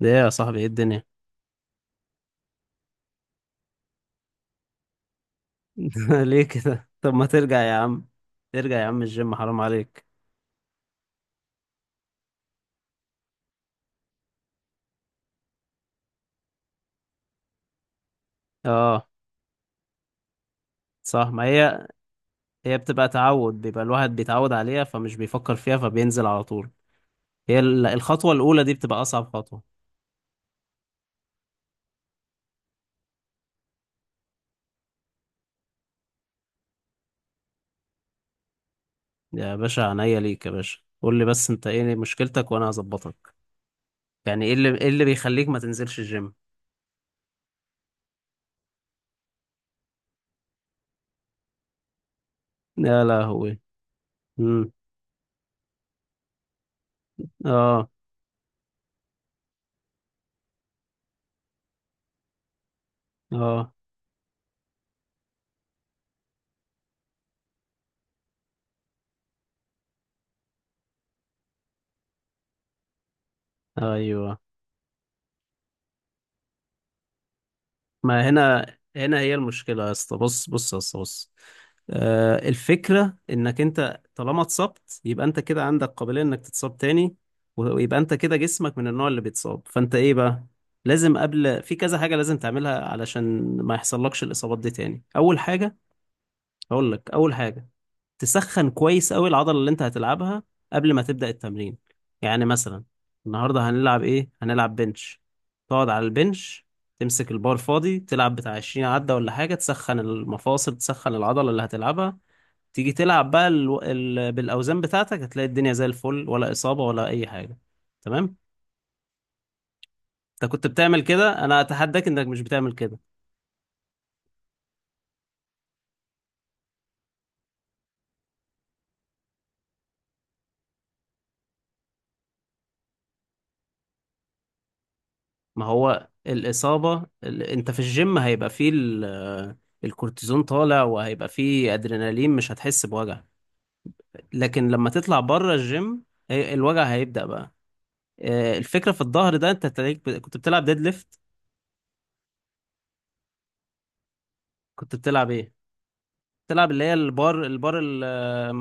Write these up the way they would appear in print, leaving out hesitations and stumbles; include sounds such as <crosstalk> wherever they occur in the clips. ده ايه يا صاحبي؟ ايه الدنيا؟ <laughs> ليه كده؟ طب ما ترجع يا عم، ترجع يا عم الجيم، حرام عليك. اه، صح. ما هي هي بتبقى تعود، بيبقى الواحد بيتعود عليها فمش بيفكر فيها فبينزل على طول. الخطوة الأولى دي بتبقى أصعب خطوة. يا باشا، عينيا ليك يا باشا، قول لي بس انت ايه مشكلتك وانا هظبطك. يعني ايه اللي بيخليك ما تنزلش الجيم؟ يا لهوي. امم اه، اه، ايوه. ما هنا هي المشكلة يا اسطى. بص بص يا اسطى، بص. الفكرة انك انت طالما اتصبت يبقى انت كده عندك قابلية انك تتصاب تاني. ويبقى انت كده جسمك من النوع اللي بيتصاب، فانت ايه بقى؟ لازم قبل في كذا حاجة لازم تعملها علشان ما يحصلكش الإصابات دي تاني. أول حاجة، هقول لك أول حاجة، تسخن كويس قوي العضلة اللي انت هتلعبها قبل ما تبدأ التمرين. يعني مثلا النهاردة هنلعب ايه؟ هنلعب بنش. تقعد على البنش، تمسك البار فاضي تلعب بتاع 20 عدة ولا حاجة، تسخن المفاصل، تسخن العضلة اللي هتلعبها. تيجي تلعب بقى بالأوزان بتاعتك هتلاقي الدنيا زي الفل، ولا إصابة ولا أي حاجة. تمام؟ انت كنت بتعمل كده؟ انا اتحداك انك مش بتعمل كده. ما هو الإصابة أنت في الجيم هيبقى فيه الكورتيزون طالع، وهيبقى فيه أدرينالين، مش هتحس بوجع. لكن لما تطلع بره الجيم الوجع هيبدأ بقى. الفكرة في الظهر ده، أنت تلاقيك كنت بتلعب ديد ليفت. كنت بتلعب إيه؟ بتلعب اللي هي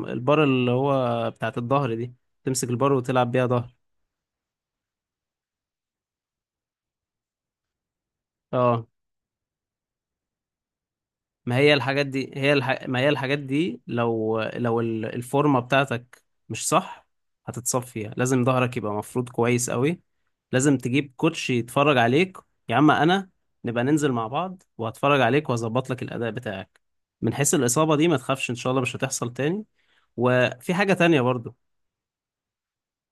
البار اللي هو بتاعت الظهر دي، تمسك البار وتلعب بيها ظهر. اه. ما هي الحاجات دي هي الح... ما هي الحاجات دي لو الفورمة بتاعتك مش صح، هتتصفيها. لازم ظهرك يبقى مفروض كويس قوي. لازم تجيب كوتش يتفرج عليك. يا عم انا، نبقى ننزل مع بعض وهتفرج عليك وهظبط لك الأداء بتاعك. من حيث الإصابة دي ما تخافش، إن شاء الله مش هتحصل تاني. وفي حاجة تانية برضو،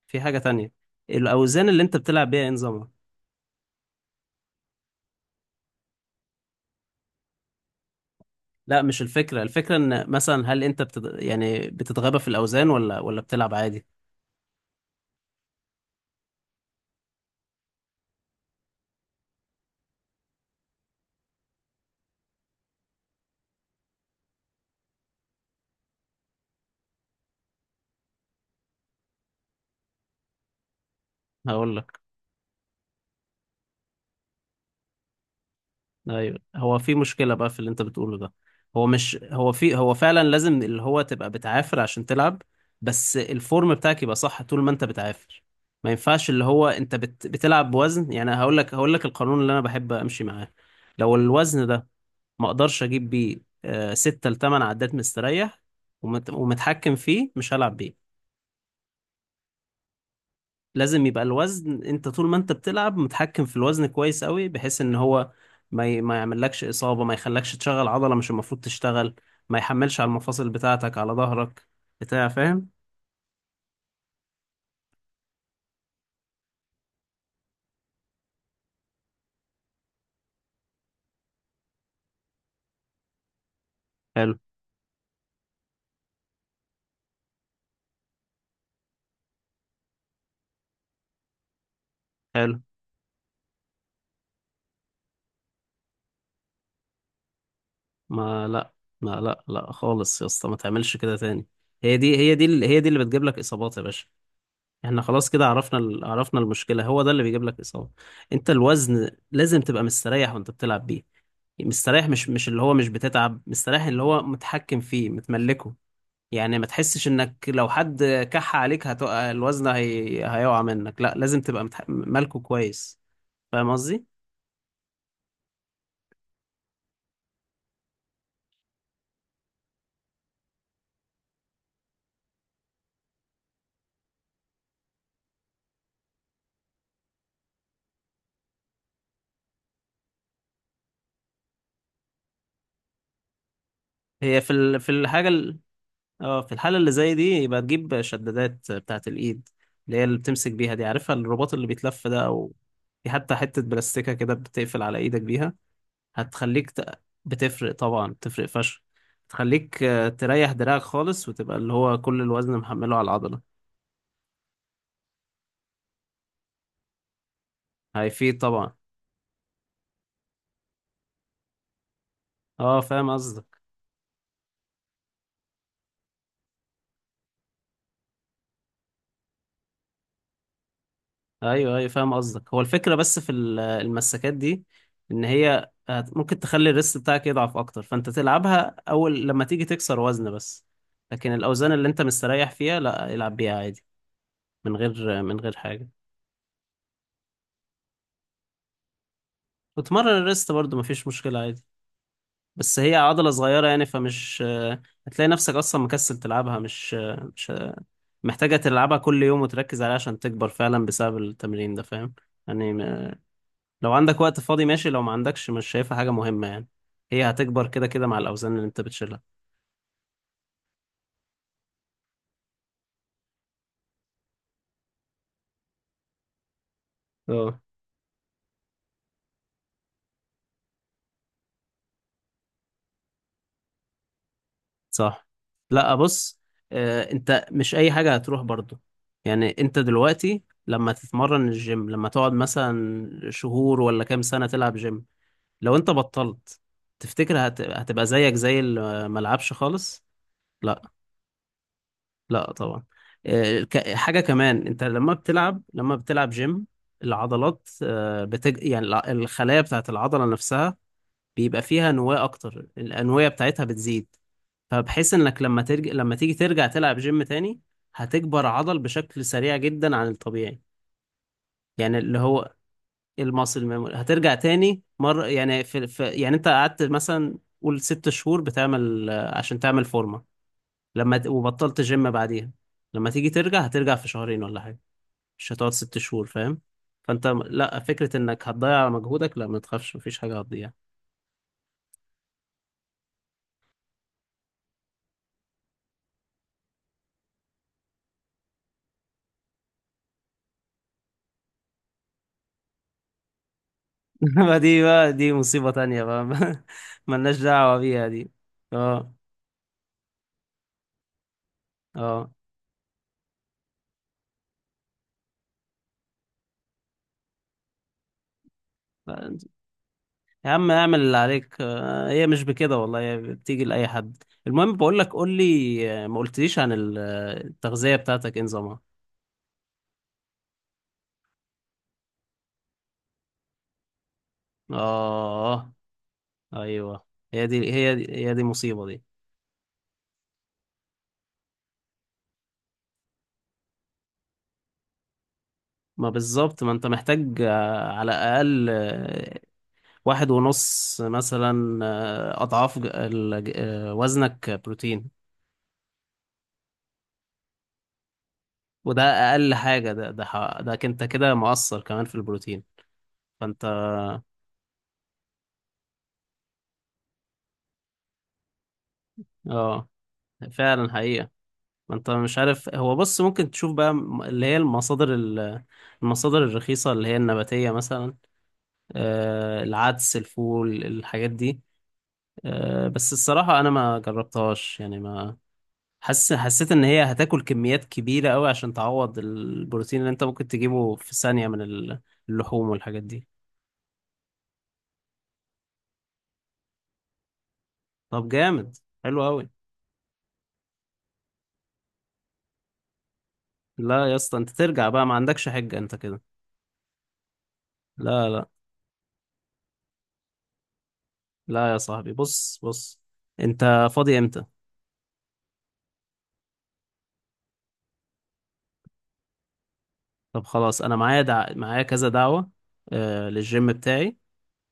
في حاجة تانية، الأوزان اللي أنت بتلعب بيها إيه نظامها؟ لا مش الفكرة، الفكرة إن مثلا هل أنت يعني بتتغابى في الأوزان، ولا بتلعب عادي؟ هقول لك، ايوه هو في مشكله بقى في اللي انت بتقوله ده. هو مش، هو في، هو فعلا لازم اللي هو تبقى بتعافر عشان تلعب، بس الفورم بتاعك يبقى صح طول ما انت بتعافر. ما ينفعش اللي هو انت بتلعب بوزن، يعني هقول لك، هقول لك القانون اللي انا بحب امشي معاه. لو الوزن ده ما اقدرش اجيب بيه ستة لتمن عدات مستريح ومتحكم فيه، مش هلعب بيه. لازم يبقى الوزن انت طول ما انت بتلعب متحكم في الوزن كويس قوي، بحيث ان هو ما يعملكش اصابه، ما يخلكش تشغل عضله مش المفروض تشتغل، ما يحملش على المفاصل بتاعتك على ظهرك بتاع. فاهم؟ حلو. حلو. ما لا، ما لا، لا خالص يا اسطى، ما تعملش كده تاني. هي دي اللي بتجيب لك اصابات يا باشا. احنا خلاص كده عرفنا عرفنا المشكله، هو ده اللي بيجيب لك اصابه. انت الوزن لازم تبقى مستريح وانت بتلعب بيه. مستريح، مش اللي هو مش بتتعب. مستريح اللي هو متحكم فيه، متملكه. يعني ما تحسش انك لو حد كح عليك هتقع الوزن هيقع منك. لا، لازم تبقى مالكه كويس. فاهم قصدي؟ هي في ال... في الحاجة ال... اه، في الحالة اللي زي دي يبقى تجيب شدادات بتاعة الايد، اللي هي اللي بتمسك بيها دي، عارفها الرباط اللي بيتلف ده، او في حتى حتة بلاستيكة كده بتقفل على ايدك بيها. هتخليك بتفرق طبعا، بتفرق فشخ. تخليك تريح دراعك خالص، وتبقى اللي هو كل الوزن محمله على العضلة. هيفيد طبعا. اه فاهم قصدك. ايوه، ايوه فاهم قصدك. هو الفكرة بس في المساكات دي، ان هي ممكن تخلي الريست بتاعك يضعف اكتر، فانت تلعبها اول لما تيجي تكسر وزن بس، لكن الاوزان اللي انت مستريح فيها لا، العب بيها عادي من غير، من غير حاجة. وتمرن الريست برضو مفيش مشكلة، عادي، بس هي عضلة صغيرة يعني، فمش هتلاقي نفسك أصلا مكسل تلعبها، مش مش محتاجة تلعبها كل يوم وتركز عليها عشان تكبر فعلا بسبب التمرين ده. فاهم؟ يعني ما- لو عندك وقت فاضي ماشي، لو ما عندكش مش شايفها حاجة مهمة يعني، هي هتكبر كده كده مع الأوزان اللي أنت بتشيلها. اه. صح. لا، بص، انت مش اي حاجة هتروح برضو. يعني انت دلوقتي لما تتمرن الجيم، لما تقعد مثلا شهور ولا كام سنة تلعب جيم، لو انت بطلت تفتكر هتبقى زيك زي اللي ما لعبش خالص؟ لا. لا طبعا. حاجة كمان، انت لما بتلعب، لما بتلعب جيم العضلات، الخلايا بتاعت العضلة نفسها بيبقى فيها نواة اكتر، الأنوية بتاعتها بتزيد، فبحيث انك لما لما تيجي ترجع تلعب جيم تاني هتكبر عضل بشكل سريع جدا عن الطبيعي. يعني اللي هو المصل memory هترجع تاني مرة. يعني في يعني انت قعدت مثلا قول ست شهور بتعمل، عشان تعمل فورمة، لما وبطلت جيم بعديها، لما تيجي ترجع هترجع في شهرين ولا حاجة، مش هتقعد ست شهور. فاهم؟ فانت لا، فكرة انك هتضيع مجهودك لا، ما تخافش مفيش حاجة هتضيع. <laughs> ما دي بقى، دي مصيبة تانية بقى. <laughs> ملناش دعوة بيها دي. اه. اه. يا عم اعمل اللي عليك، هي مش بكده والله، هي بتيجي لأي حد. المهم بقول لك، قول لي، ما قلتليش عن التغذية بتاعتك ايه نظامها؟ اه. ايوه. هي دي مصيبة دي. ما بالظبط، ما انت محتاج على الأقل واحد ونص مثلا أضعاف وزنك بروتين. وده أقل حاجة، ده انت كده مقصر كمان في البروتين. فانت اه، فعلا حقيقة. ما انت مش عارف. هو بص، ممكن تشوف بقى اللي هي المصادر المصادر الرخيصة اللي هي النباتية مثلا، العدس الفول الحاجات دي. بس الصراحة أنا ما جربتهاش يعني. ما حس حسيت إن هي هتاكل كميات كبيرة أوي عشان تعوض البروتين اللي أنت ممكن تجيبه في ثانية من اللحوم والحاجات دي. طب جامد، حلو أوي. لا يا اسطى، أنت ترجع بقى، ما عندكش حجة أنت كده. لا، لا. لا يا صاحبي، بص، بص. أنت فاضي إمتى؟ طب خلاص، انا معايا معايا كذا دعوة، للجيم بتاعي.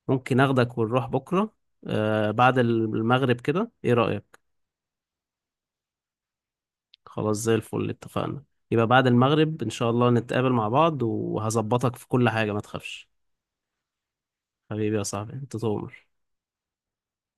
ممكن اخدك ونروح بكرة بعد المغرب كده. ايه رأيك؟ خلاص زي الفل، اتفقنا. يبقى بعد المغرب ان شاء الله نتقابل مع بعض وهظبطك في كل حاجة، ما تخافش. حبيبي يا صاحبي، انت تؤمر.